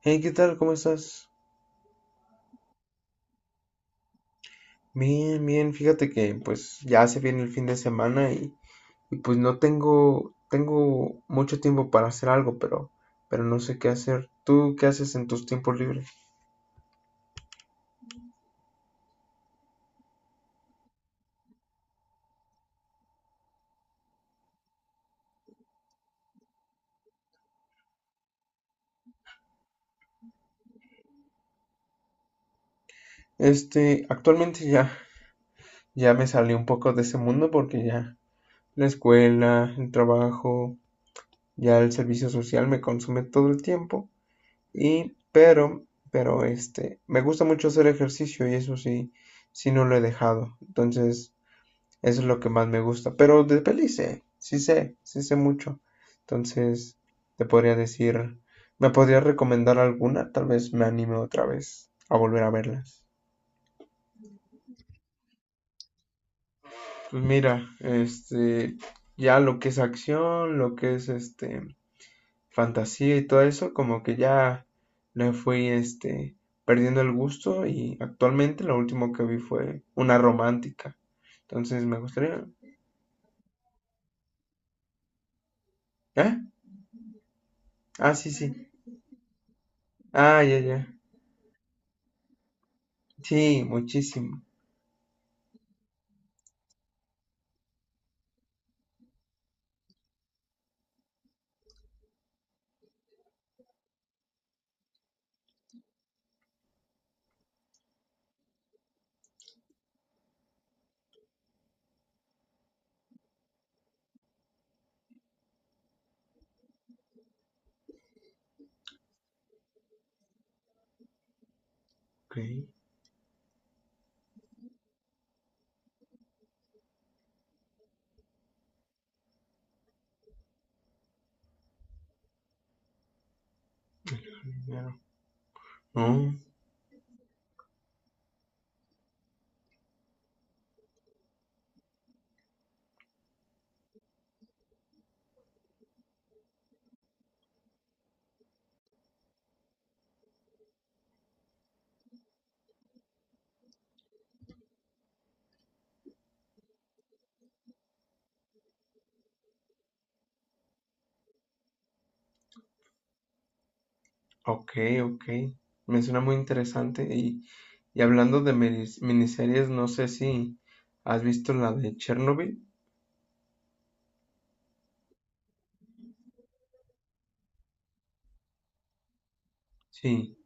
Hey, ¿qué tal? ¿Cómo estás? Bien, bien. Fíjate que pues ya se viene el fin de semana y, pues no tengo mucho tiempo para hacer algo, pero no sé qué hacer. ¿Tú qué haces en tus tiempos libres? Este, actualmente ya me salí un poco de ese mundo porque ya la escuela, el trabajo, ya el servicio social me consume todo el tiempo y pero este, me gusta mucho hacer ejercicio y eso sí, sí no lo he dejado. Entonces eso es lo que más me gusta. Pero de peli sé, sí sé, sí sé mucho. Entonces, te podría decir, ¿me podrías recomendar alguna? Tal vez me anime otra vez a volver a verlas. Pues mira, este, ya lo que es acción, lo que es este, fantasía y todo eso, como que ya le fui este, perdiendo el gusto y actualmente lo último que vi fue una romántica. Entonces me gustaría... ¿Eh? Ah, sí, sí. Ah, ya, ya. Sí, muchísimo. Ok, claro. Mm, ok, ok. Me suena muy interesante. Y hablando de minis- miniseries, no sé si has visto la de Chernobyl. Sí,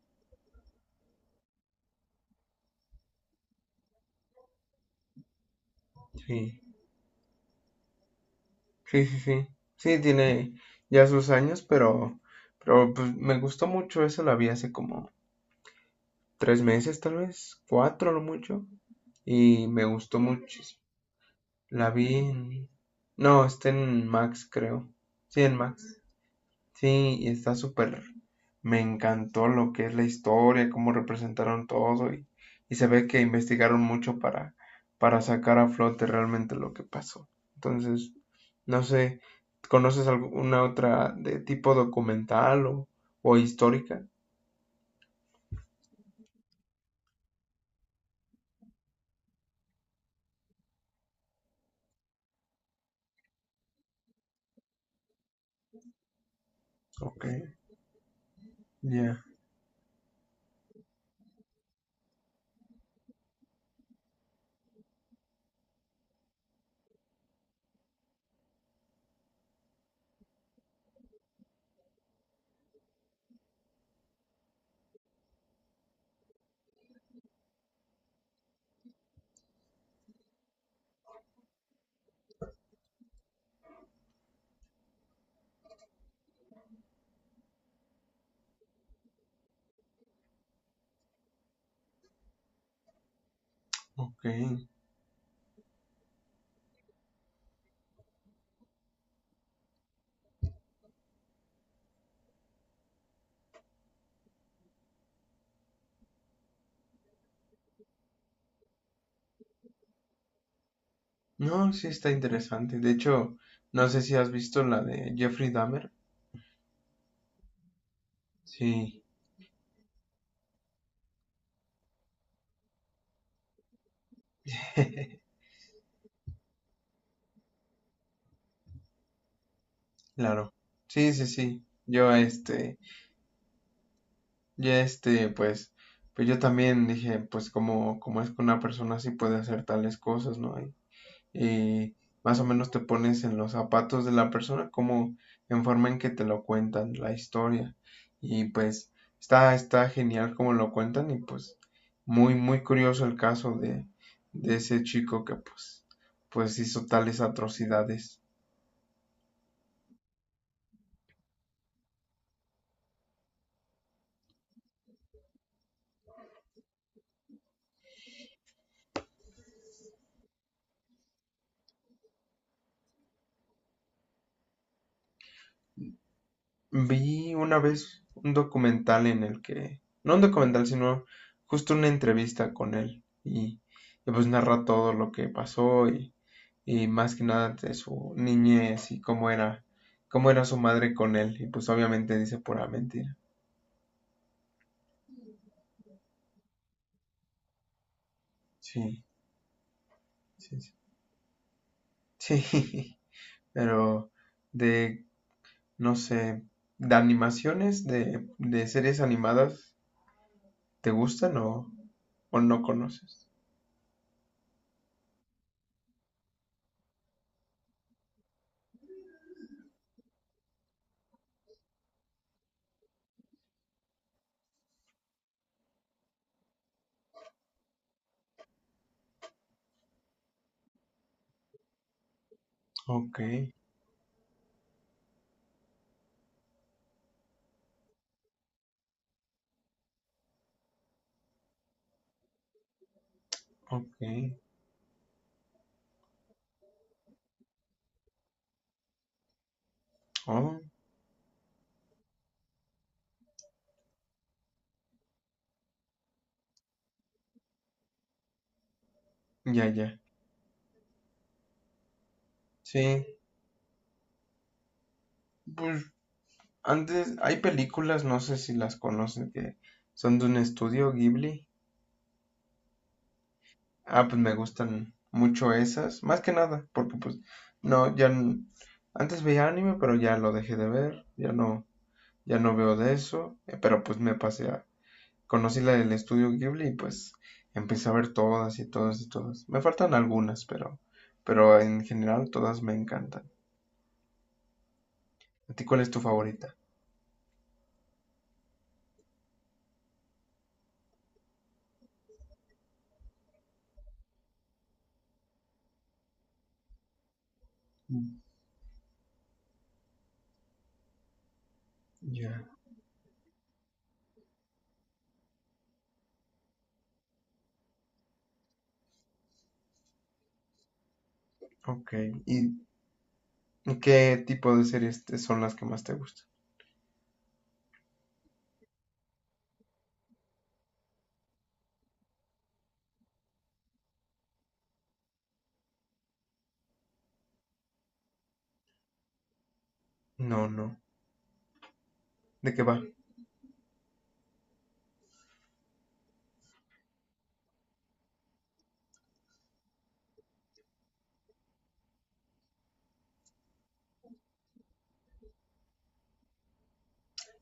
sí, sí, sí, sí. Sí, tiene ya sus años, pero pues, me gustó mucho. Esa la vi hace como tres meses, tal vez, cuatro, no mucho. Y me gustó muchísimo. La vi en... No, está en Max, creo. Sí, en Max. Sí, y está súper. Me encantó lo que es la historia, cómo representaron todo y se ve que investigaron mucho para sacar a flote realmente lo que pasó. Entonces, no sé, ¿conoces alguna otra de tipo documental o histórica? Ok, ya, ok. No, sí está interesante. De hecho, no sé si has visto la de Jeffrey Dahmer. Sí, claro. Sí, sí, sí. Yo, este. Y este, pues, pues yo también dije, pues como, como es que una persona así puede hacer tales cosas, ¿no? Y más o menos te pones en los zapatos de la persona, como en forma en que te lo cuentan, la historia. Y pues está, está genial como lo cuentan y pues muy, muy curioso el caso de ese chico que pues, pues hizo tales atrocidades. Vi una vez un documental en el que, no un documental, sino justo una entrevista con él y, pues narra todo lo que pasó y más que nada de su niñez y cómo era su madre con él y pues obviamente dice pura mentira. Sí, sí, sí, sí, pero de, no sé, de animaciones, de series animadas, ¿te gustan o no conoces? Ok, ok, oh, ya, ya. Sí, pues antes hay películas, no sé si las conocen, que son de un estudio Ghibli. Ah, pues me gustan mucho esas, más que nada, porque pues no, ya n- antes veía anime, pero ya lo dejé de ver, ya no, ya no veo de eso, pero pues me pasé a, conocí la del estudio Ghibli y pues empecé a ver todas y todas y todas. Me faltan algunas, pero en general todas me encantan. ¿A ti cuál es tu favorita? Mm. Ya, ok. ¿Y qué tipo de series te- son las que más te gustan? No, no. ¿De qué va?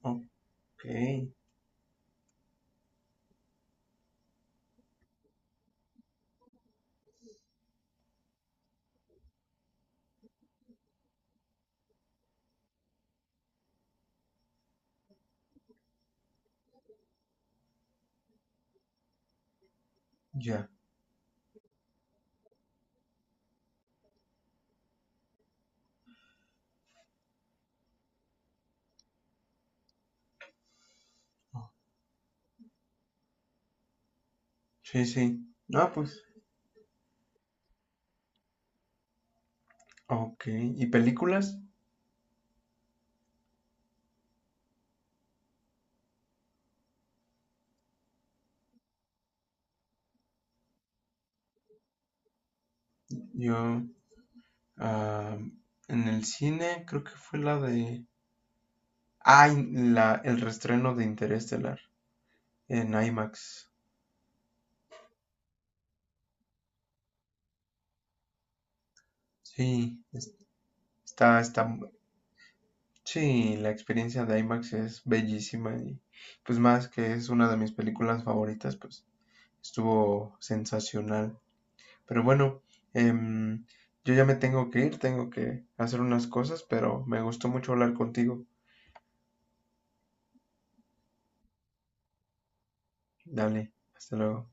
Ok, ya. Sí, sí. Ah, pues. Ok. ¿Y películas? Yo, ah, en el cine creo que fue la de... Ah, y la, el reestreno de Interestelar en IMAX. Sí, es- está, está... Sí, la experiencia de IMAX es bellísima y pues más que es una de mis películas favoritas, pues estuvo sensacional. Pero bueno, em, yo ya me tengo que ir, tengo que hacer unas cosas, pero me gustó mucho hablar contigo. Dale, hasta luego.